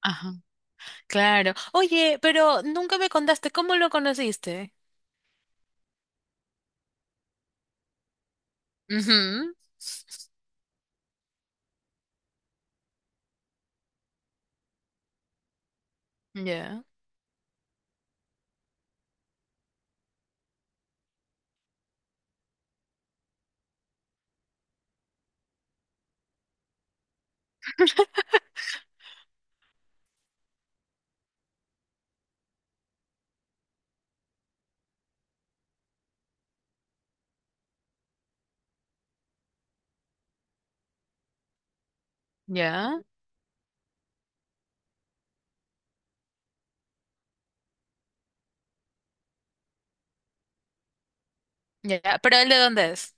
Ajá, claro. Oye, pero nunca me contaste cómo lo conociste. Ujú. Ya, ya, ya. Ya. ¿Pero él de dónde es?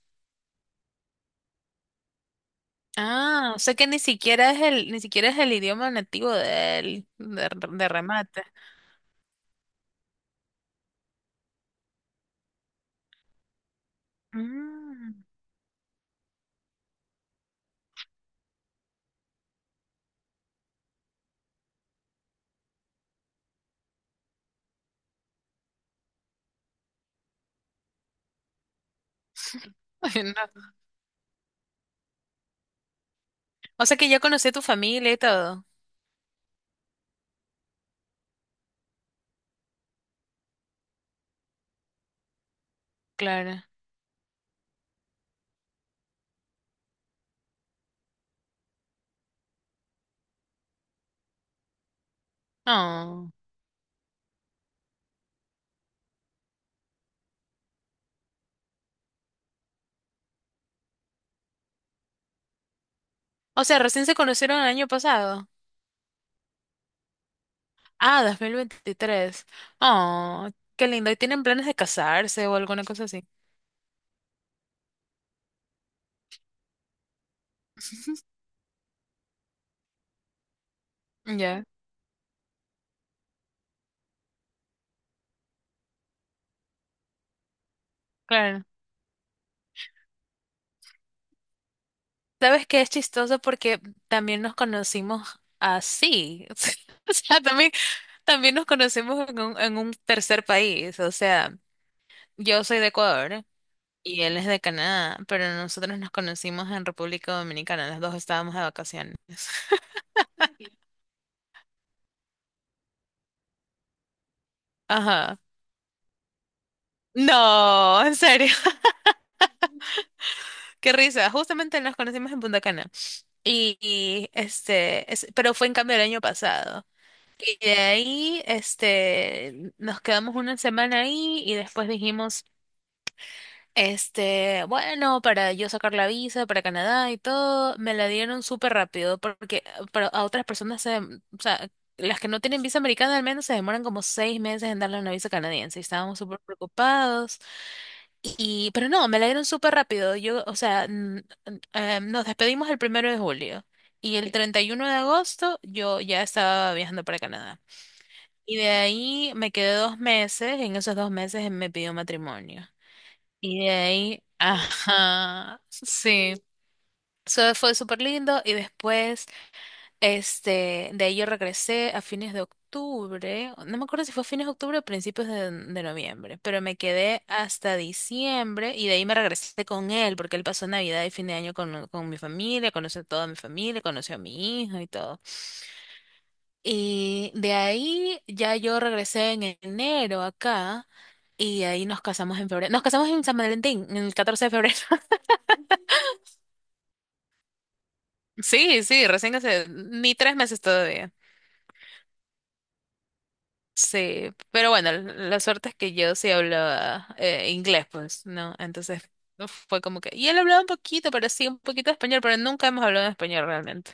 Ah, o sea que ni siquiera es el idioma nativo de él, de remate. Mm. Ay, no. O sea que ya conocí a tu familia y todo. Claro. Oh. O sea, recién se conocieron el año pasado. Ah, 2023. Oh, qué lindo. ¿Y tienen planes de casarse o alguna cosa así? Ya, claro. ¿Sabes qué es chistoso? Porque también nos conocimos así. O sea, también, también nos conocimos en un tercer país. O sea, yo soy de Ecuador y él es de Canadá, pero nosotros nos conocimos en República Dominicana. Los dos estábamos de vacaciones. Ajá. No, en serio, qué risa. Justamente nos conocimos en Punta Cana. Y, este, pero fue en cambio el año pasado. Y de ahí, este, nos quedamos una semana ahí y después dijimos, este, bueno, para yo sacar la visa para Canadá y todo, me la dieron súper rápido porque para a otras personas se, o sea, las que no tienen visa americana al menos se demoran como 6 meses en darle una visa canadiense y estábamos súper preocupados. Y, pero no, me la dieron súper rápido. Yo, o sea, nos despedimos el 1 de julio y el 31 de agosto yo ya estaba viajando para Canadá. Y de ahí me quedé 2 meses, en esos 2 meses me pidió matrimonio. Y de ahí, ajá, sí. Eso fue súper lindo. Y después, este, de ahí yo regresé a fines de octubre. No me acuerdo si fue a fines de octubre o principios de noviembre. Pero me quedé hasta diciembre. Y de ahí me regresé con él, porque él pasó Navidad y fin de año con mi familia, conoció a toda mi familia, conoció a mi hija y todo. Y de ahí ya yo regresé en enero acá. Y ahí nos casamos en febrero. Nos casamos en San Valentín, en el 14 de febrero. Sí, sí, recién hace ni 3 meses todavía. Sí, pero bueno, la suerte es que yo sí hablaba inglés, pues, ¿no? Entonces no fue como que. Y él hablaba un poquito, pero sí, un poquito de español, pero nunca hemos hablado en español realmente.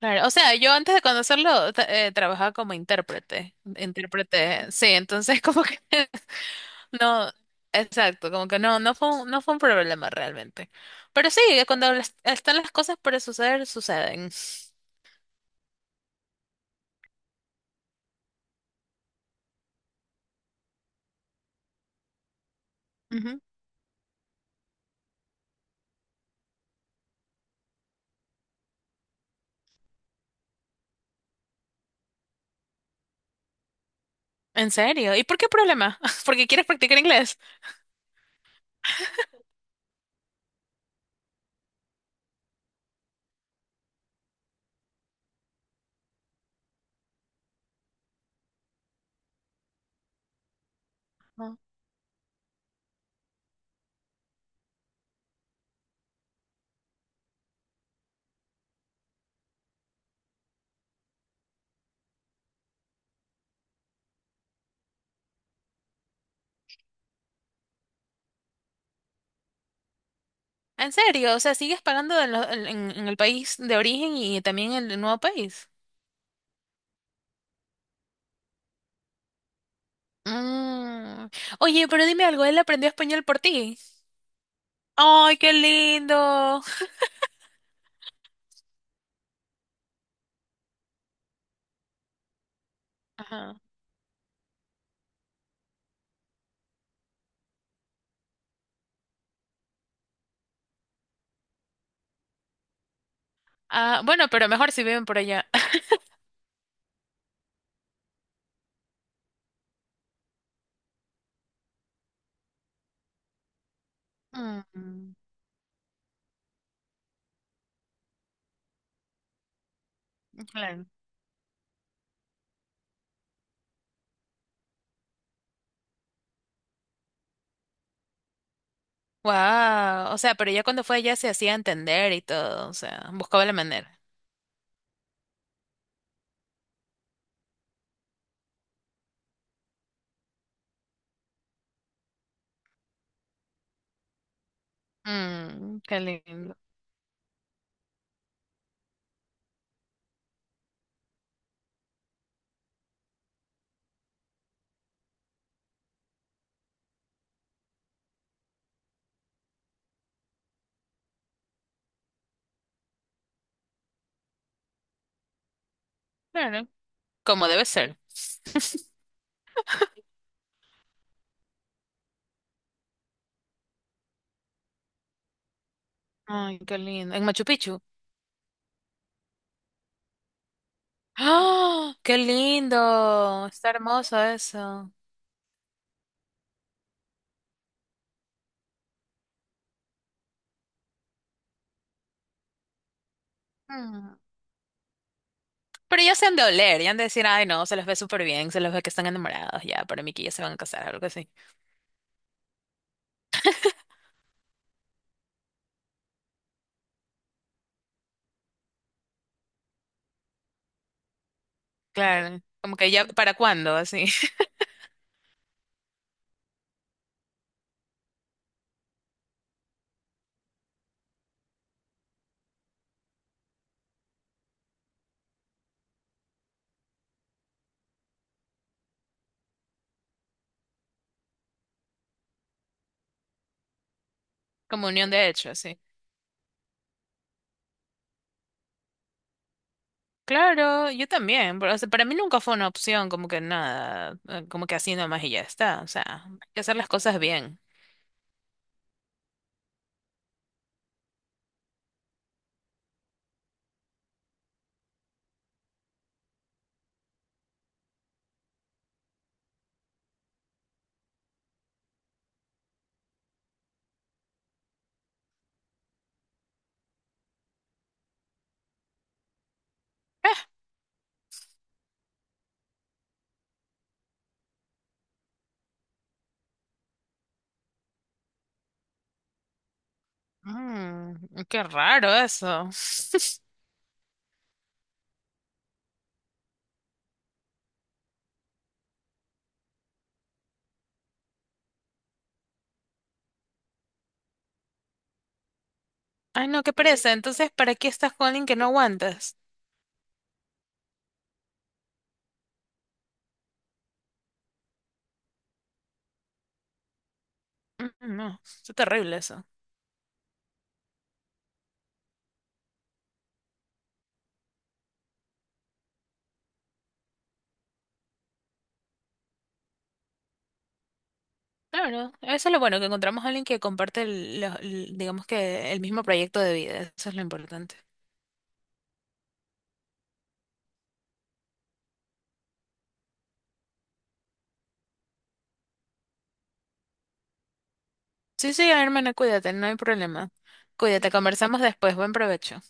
Claro, o sea, yo antes de conocerlo trabajaba como intérprete, intérprete, sí, entonces como que. No, exacto, como que no fue un problema realmente. Pero sí, cuando están las cosas para suceder, suceden. ¿En serio? ¿Y por qué problema? ¿Porque quieres practicar inglés? No. ¿En serio? O sea, sigues pagando en, lo- en el país de origen y también en el nuevo país. Mm. Oye, pero dime algo, él aprendió español por ti. ¡Ay, qué lindo! Ajá. Ah, bueno, pero mejor si viven por allá. Mm, claro. Wow, o sea, pero ya cuando fue allá se hacía entender y todo, o sea, buscaba la manera. Mm, qué lindo. Claro, como debe ser. Ay, qué lindo. En Machu Picchu. ¡Ah! ¡Qué lindo! Está hermoso eso. Mm. Pero ya se han de oler, ya han de decir, ay no, se los ve súper bien, se los ve que están enamorados, ya, para mí que ya se van a casar, algo así. Claro, como que ya, ¿para cuándo? Así. Como unión de hecho, así. Claro, yo también, pero, o sea, para mí nunca fue una opción, como que nada, como que así nomás y ya está, o sea, hay que hacer las cosas bien. Mm, qué raro eso. Ay no, qué pereza, entonces, ¿para qué estás con alguien que no aguantas? Mm, no, es terrible eso. Claro, eso es lo bueno, que encontramos a alguien que comparte, digamos que el mismo proyecto de vida. Eso es lo importante. Sí, sí, hermana, cuídate, no hay problema. Cuídate, conversamos después. Buen provecho.